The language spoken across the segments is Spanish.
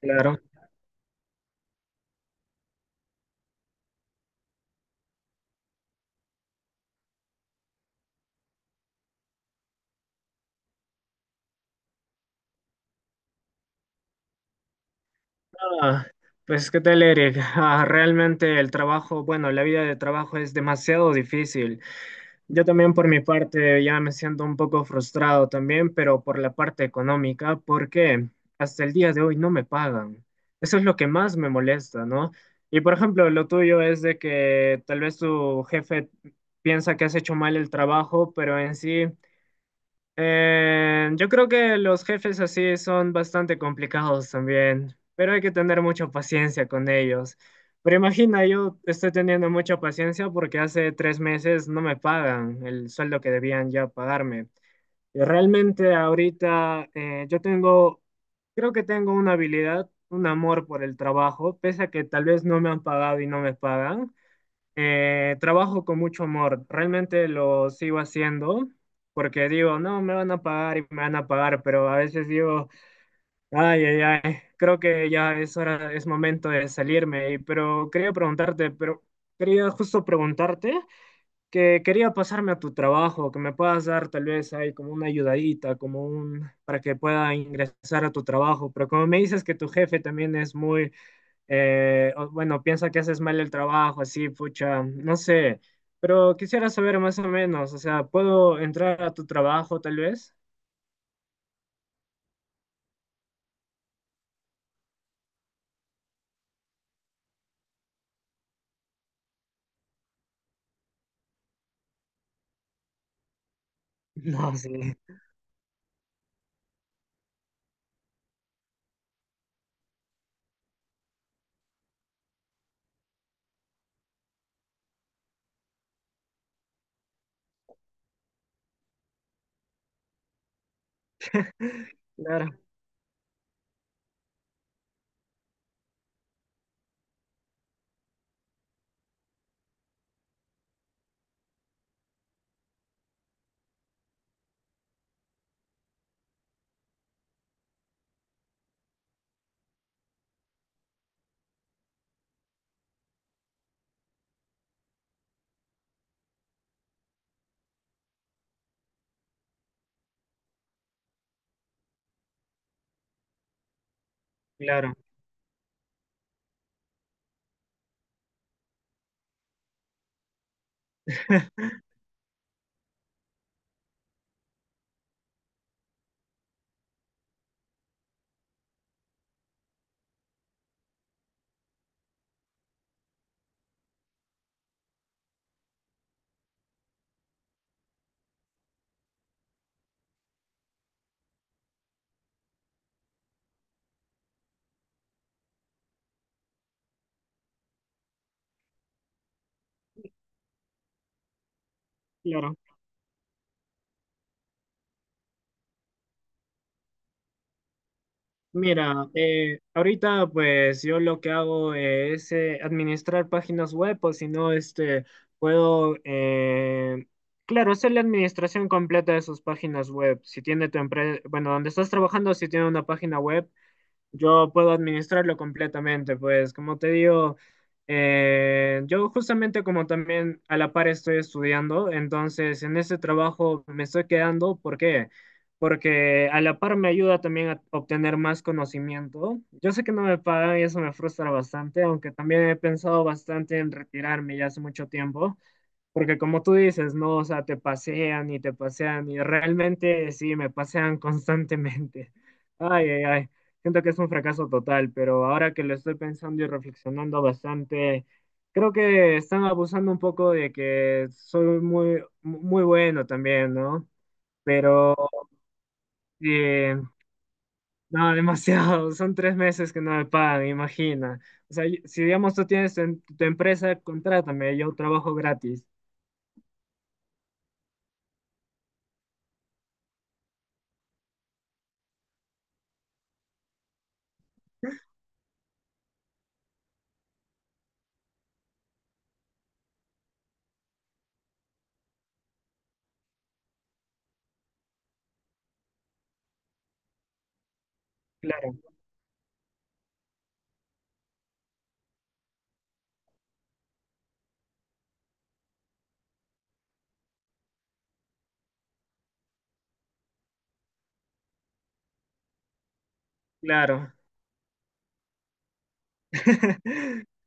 Claro. Ah, pues qué tal, Eric. Ah, realmente el trabajo, bueno, la vida de trabajo es demasiado difícil. Yo también por mi parte ya me siento un poco frustrado también, pero por la parte económica, porque hasta el día de hoy no me pagan. Eso es lo que más me molesta, ¿no? Y por ejemplo, lo tuyo es de que tal vez tu jefe piensa que has hecho mal el trabajo, pero en sí... Yo creo que los jefes así son bastante complicados también, pero hay que tener mucha paciencia con ellos. Pero imagina, yo estoy teniendo mucha paciencia porque hace tres meses no me pagan el sueldo que debían ya pagarme. Y realmente ahorita yo tengo, creo que tengo una habilidad, un amor por el trabajo, pese a que tal vez no me han pagado y no me pagan. Trabajo con mucho amor, realmente lo sigo haciendo porque digo, no, me van a pagar y me van a pagar, pero a veces digo, ay, ay, ay, creo que ya es hora, es momento de salirme, y- pero quería preguntarte, pero quería justo preguntarte que quería pasarme a tu trabajo, que me puedas dar tal vez ahí como una ayudadita, como un, para que pueda ingresar a tu trabajo, pero como me dices que tu jefe también es muy o, bueno, piensa que haces mal el trabajo, así, pucha, no sé, pero quisiera saber más o menos, o sea, ¿puedo entrar a tu trabajo tal vez? No, sí, claro, claro. Claro. Mira, ahorita pues yo lo que hago es administrar páginas web, o si no, este, puedo, claro, hacer la administración completa de sus páginas web. Si tiene tu empresa, bueno, donde estás trabajando, si tiene una página web, yo puedo administrarlo completamente, pues como te digo, yo justamente como también a la par estoy estudiando, entonces en ese trabajo me estoy quedando, ¿por qué? Porque a la par me ayuda también a obtener más conocimiento. Yo sé que no me pagan y eso me frustra bastante, aunque también he pensado bastante en retirarme ya hace mucho tiempo. Porque como tú dices, no, o sea, te pasean y realmente sí, me pasean constantemente. Ay, ay, ay. Siento que es un fracaso total, pero ahora que lo estoy pensando y reflexionando bastante, creo que están abusando un poco de que soy muy, muy bueno también, ¿no? Pero eh, no, demasiado. Son tres meses que no me pagan, imagina. O sea, y- si digamos tú tienes en tu empresa, contrátame, yo trabajo gratis. Claro, claro.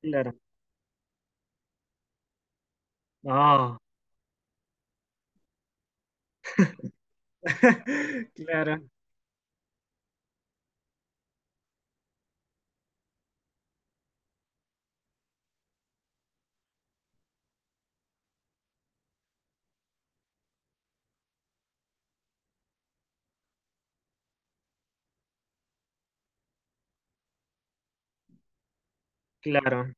Claro. Ah, claro, claro.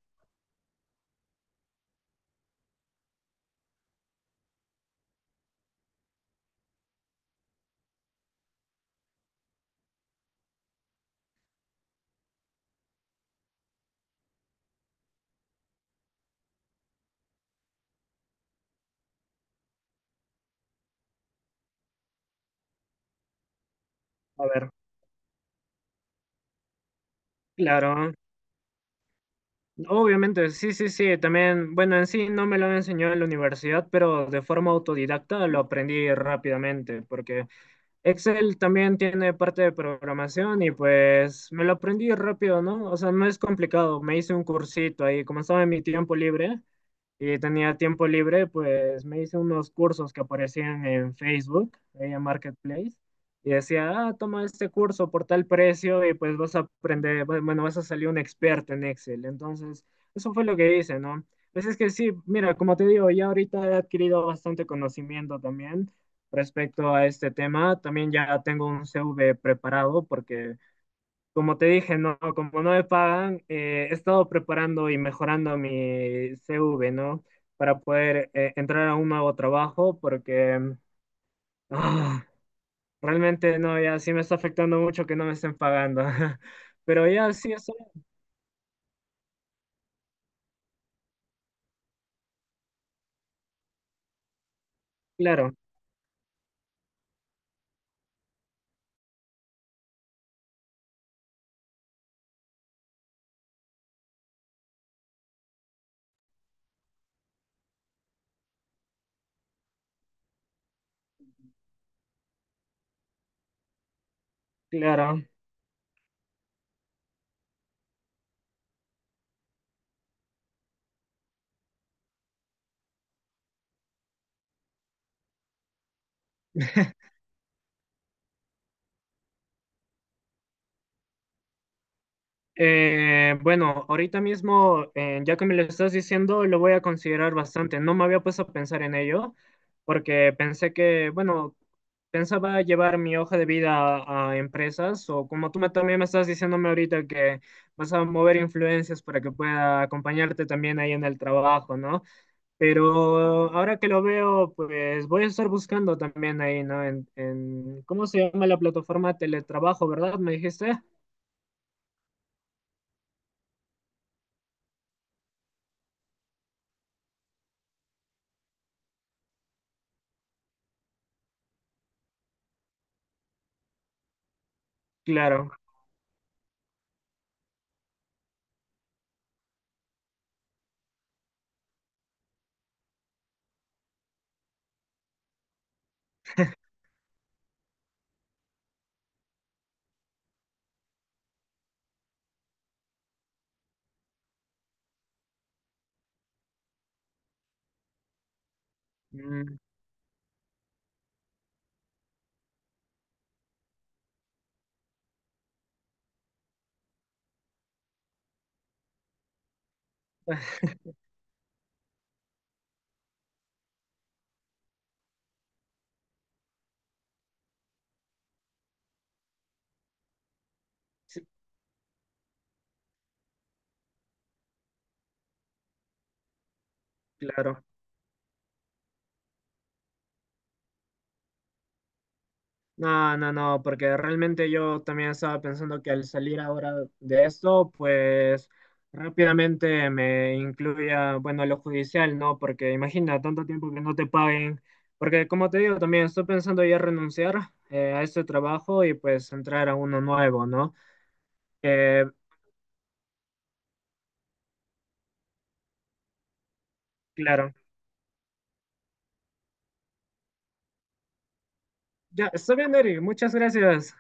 A ver, claro. Obviamente, sí, sí, sí. También, bueno, en sí no me lo enseñó en la universidad, pero de forma autodidacta lo aprendí rápidamente, porque Excel también tiene parte de programación y pues me lo aprendí rápido, ¿no? O sea, no es complicado. Me hice un cursito ahí, como estaba en mi tiempo libre, y tenía tiempo libre, pues me hice unos cursos que aparecían en Facebook, ahí en Marketplace, y decía, ah, toma este curso por tal precio y pues vas a aprender, bu- bueno, vas a salir un experto en Excel. Entonces, eso fue lo que hice, ¿no? Pues es que sí, mira, como te digo, ya ahorita he adquirido bastante conocimiento también respecto a este tema. También ya tengo un CV preparado porque como te dije, no, como no me pagan, he estado preparando y mejorando mi CV, ¿no? Para poder entrar a un nuevo trabajo, porque ah, realmente no, ya sí me está afectando mucho que no me estén pagando. Pero ya sí, eso, claro, claro. Bueno, ahorita mismo, ya que me lo estás diciendo, lo voy a considerar bastante. No me había puesto a pensar en ello, porque pensé que, bueno, pensaba llevar mi hoja de vida a empresas, o como tú me- también me estás diciéndome ahorita que vas a mover influencias para que pueda acompañarte también ahí en el trabajo, ¿no? Pero ahora que lo veo, pues voy a estar buscando también ahí, ¿no? En- ¿cómo se llama la plataforma? Teletrabajo, ¿verdad? ¿Me dijiste? Claro. Mm. Sí, claro. No, no, no, porque realmente yo también estaba pensando que al salir ahora de esto, pues rápidamente me incluya, bueno, lo judicial, ¿no? Porque imagina tanto tiempo que no te paguen, porque como te digo, también estoy pensando ya renunciar a este trabajo y pues entrar a uno nuevo, ¿no? Eh, claro. Ya, está bien, Eric, muchas gracias.